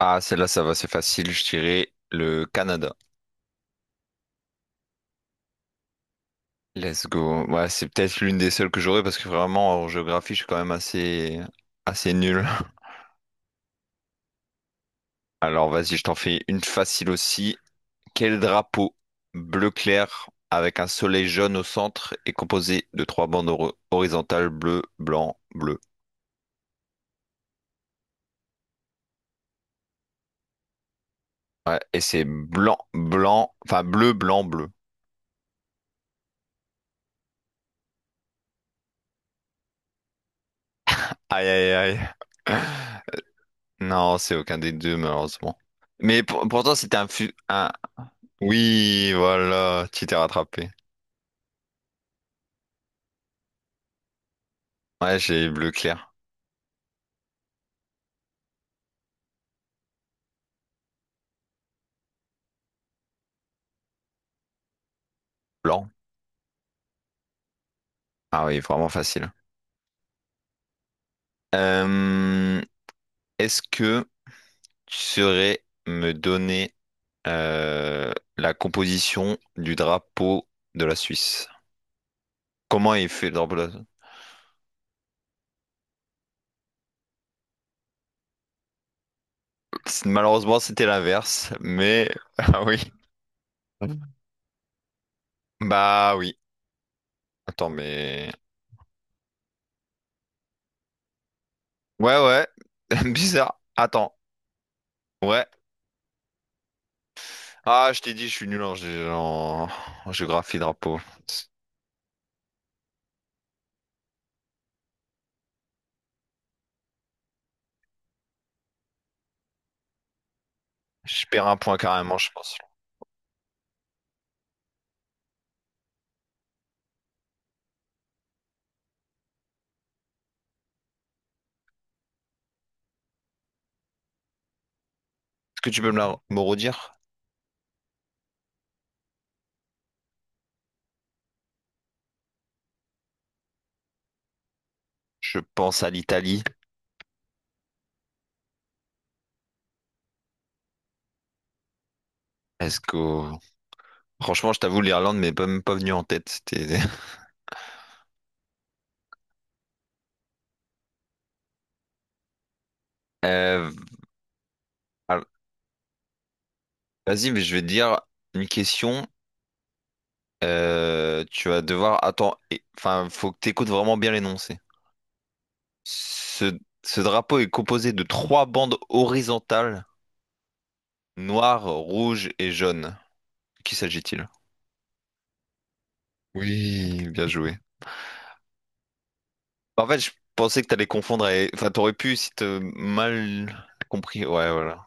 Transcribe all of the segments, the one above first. Ah, celle-là, ça va, c'est facile, je dirais le Canada. Let's go. Ouais, c'est peut-être l'une des seules que j'aurais parce que vraiment, en géographie, je suis quand même assez, assez nul. Alors, vas-y, je t'en fais une facile aussi. Quel drapeau bleu clair avec un soleil jaune au centre est composé de trois bandes horizontales bleu, blanc, bleu? Ouais, et c'est blanc, blanc, enfin bleu, blanc, bleu. Aïe, aïe, aïe. Non, c'est aucun des deux, malheureusement. Mais pourtant, c'était un... Oui, voilà, tu t'es rattrapé. Ouais, j'ai bleu clair, blanc. Ah oui, vraiment facile. Euh, Est-ce que tu saurais me donner euh, la composition du drapeau de la Suisse? Comment il fait le drapeau de la Suisse? Malheureusement, c'était l'inverse, mais... Ah oui. Bah oui. Attends, mais... Ouais, ouais. Bizarre. Attends. Ouais. Ah, je t'ai dit, je suis nul en... en géographie drapeau. Je perds un point carrément, je pense. Est-ce que tu peux me, me redire? Je pense à l'Italie. Est-ce que... Franchement, je t'avoue, l'Irlande m'est pas- même pas venue en tête. C'était... Euh, alors, vas-y, mais je vais te dire une question. Tu vas devoir... Attends, enfin, faut que tu écoutes vraiment bien l'énoncé. Ce... ce drapeau est composé de trois bandes horizontales, noires, rouges et jaunes. De qui s'agit-il? Oui, bien joué. Bah, en fait, je pensais que t'allais confondre avec... Enfin, t'aurais pu si t'as mal compris. Ouais, voilà.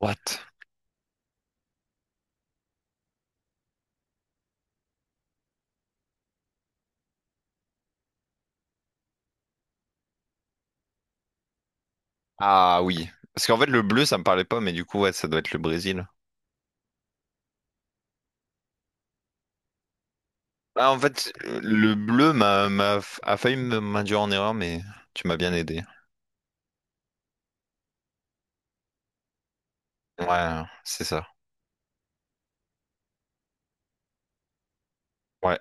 What? Ah oui. Parce qu'en fait, le bleu, ça me parlait pas, mais du coup, ouais, ça doit être le Brésil. Ah, en fait, le bleu a failli m'induire en erreur, mais tu m'as bien aidé. Ouais, c'est ça. Ouais.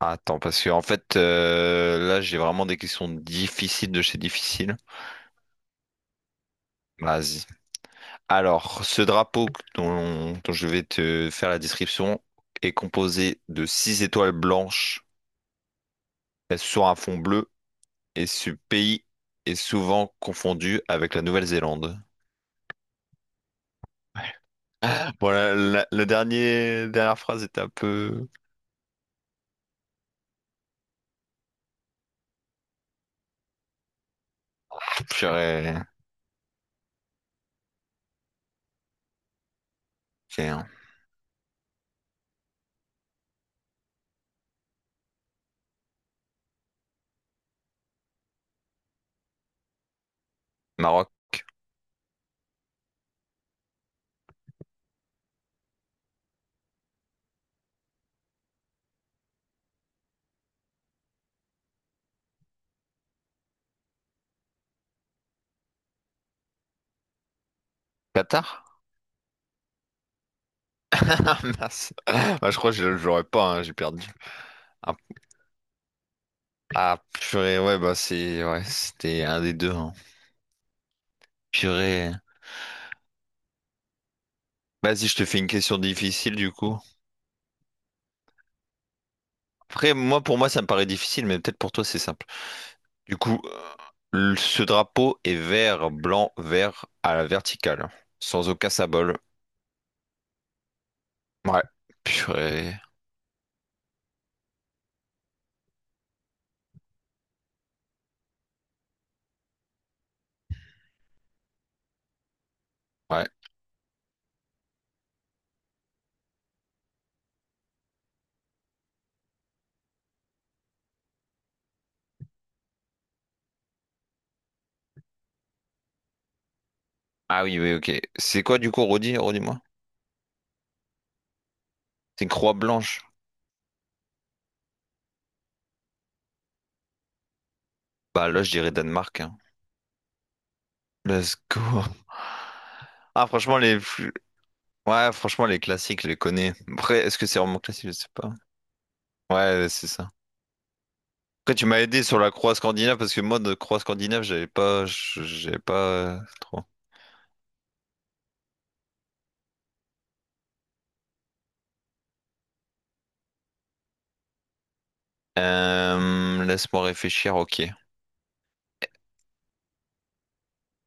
Attends, parce que en fait, là, j'ai vraiment des questions difficiles de chez difficiles. Vas-y. Alors, ce drapeau dont je vais te faire la description est composé de six étoiles blanches sur un fond bleu et ce pays est souvent confondu avec la Nouvelle-Zélande. Voilà, la dernière phrase était un peu... Purée. Ok. Maroc, Qatar? Ah, mince. Bah, je crois que je l'aurais pas, hein, j'ai perdu. Ah, ah, purée, ouais, bah c'est... Ouais, c'était un des deux, hein. Purée. Vas-y, je te fais une question difficile, du coup. Après, moi, pour moi, ça me paraît difficile, mais peut-être pour toi, c'est simple. Du coup, ce drapeau est vert, blanc, vert à la verticale, sans aucun symbole. Ouais, purée. Ouais. Ah oui, oui, ok. C'est quoi du coup, redis-moi? C'est une croix blanche. Bah là, je dirais Danemark, hein. Let's go. Ah, franchement, les... plus... Ouais, franchement, les classiques, je les connais. Après, est-ce que c'est vraiment classique? Je sais pas. Ouais, c'est ça. Après, tu m'as aidé sur la croix scandinave, parce que moi, de croix scandinave, j'avais pas... J'avais pas trop. Laisse-moi réfléchir, ok.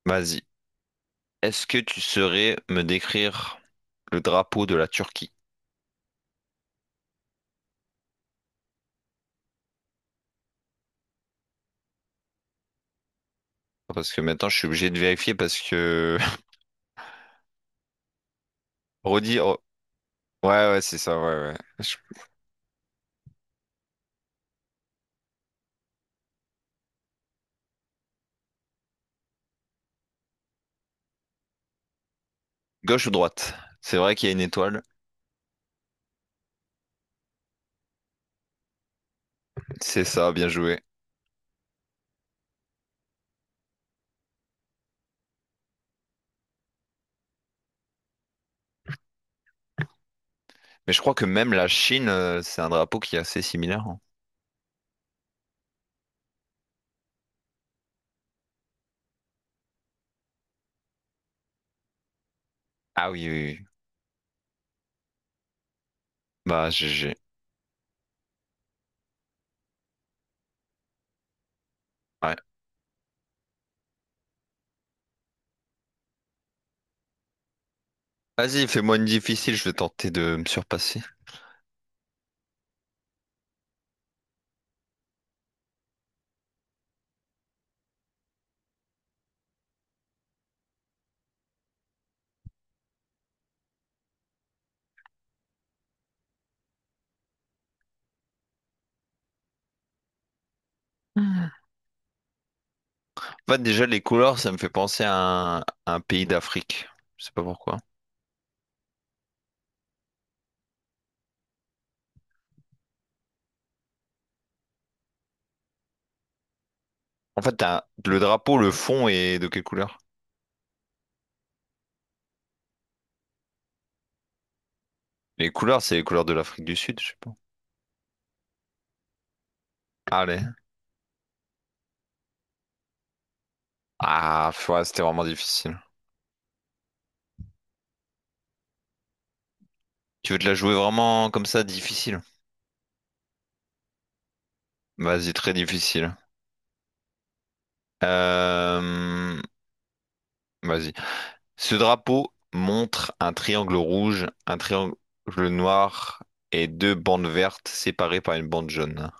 Vas-y. Est-ce que tu saurais me décrire le drapeau de la Turquie? Parce que maintenant, je suis obligé de vérifier parce que... Redis... oh, ouais, ouais, c'est ça, ouais, ouais. Je... Gauche ou droite? C'est vrai qu'il y a une étoile. C'est ça, bien joué. Mais je crois que même la Chine, c'est un drapeau qui est assez similaire, hein. Ah oui, oui, oui. Bah, GG. Ouais. Vas-y, fais-moi une difficile, je vais tenter de me surpasser. En fait, déjà, les couleurs, ça me fait penser à un pays d'Afrique. Je sais pas pourquoi. En fait, le drapeau, le fond est de quelle couleur? Les couleurs, c'est les couleurs de l'Afrique du Sud, je sais pas. Allez. Ah, pff, ouais, c'était vraiment difficile. Tu veux te la jouer vraiment comme ça, difficile? Vas-y, très difficile. Euh, Vas-y. Ce drapeau montre un triangle rouge, un triangle noir et deux bandes vertes séparées par une bande jaune.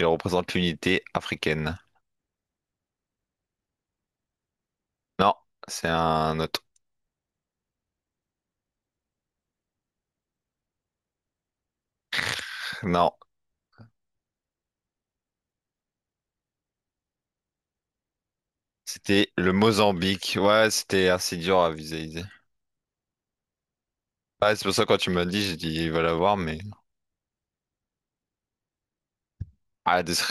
Il représente l'unité africaine. Non, c'est un autre. Non, c'était le Mozambique. Ouais, c'était assez dur à visualiser. Ouais, c'est pour ça que quand tu m'as dit, j'ai dit, il va l'avoir, mais... Ah, des...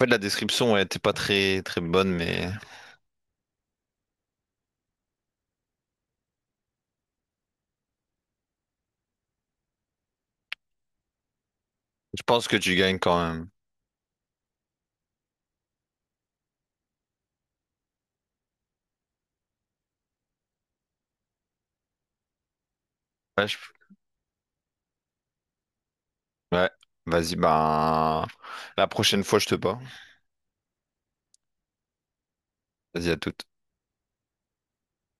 En fait, la description ouais, était pas très très bonne, mais je pense que tu gagnes quand même. Ouais, je- ouais. Vas-y, ben la prochaine fois je te bats. Vas-y à toute.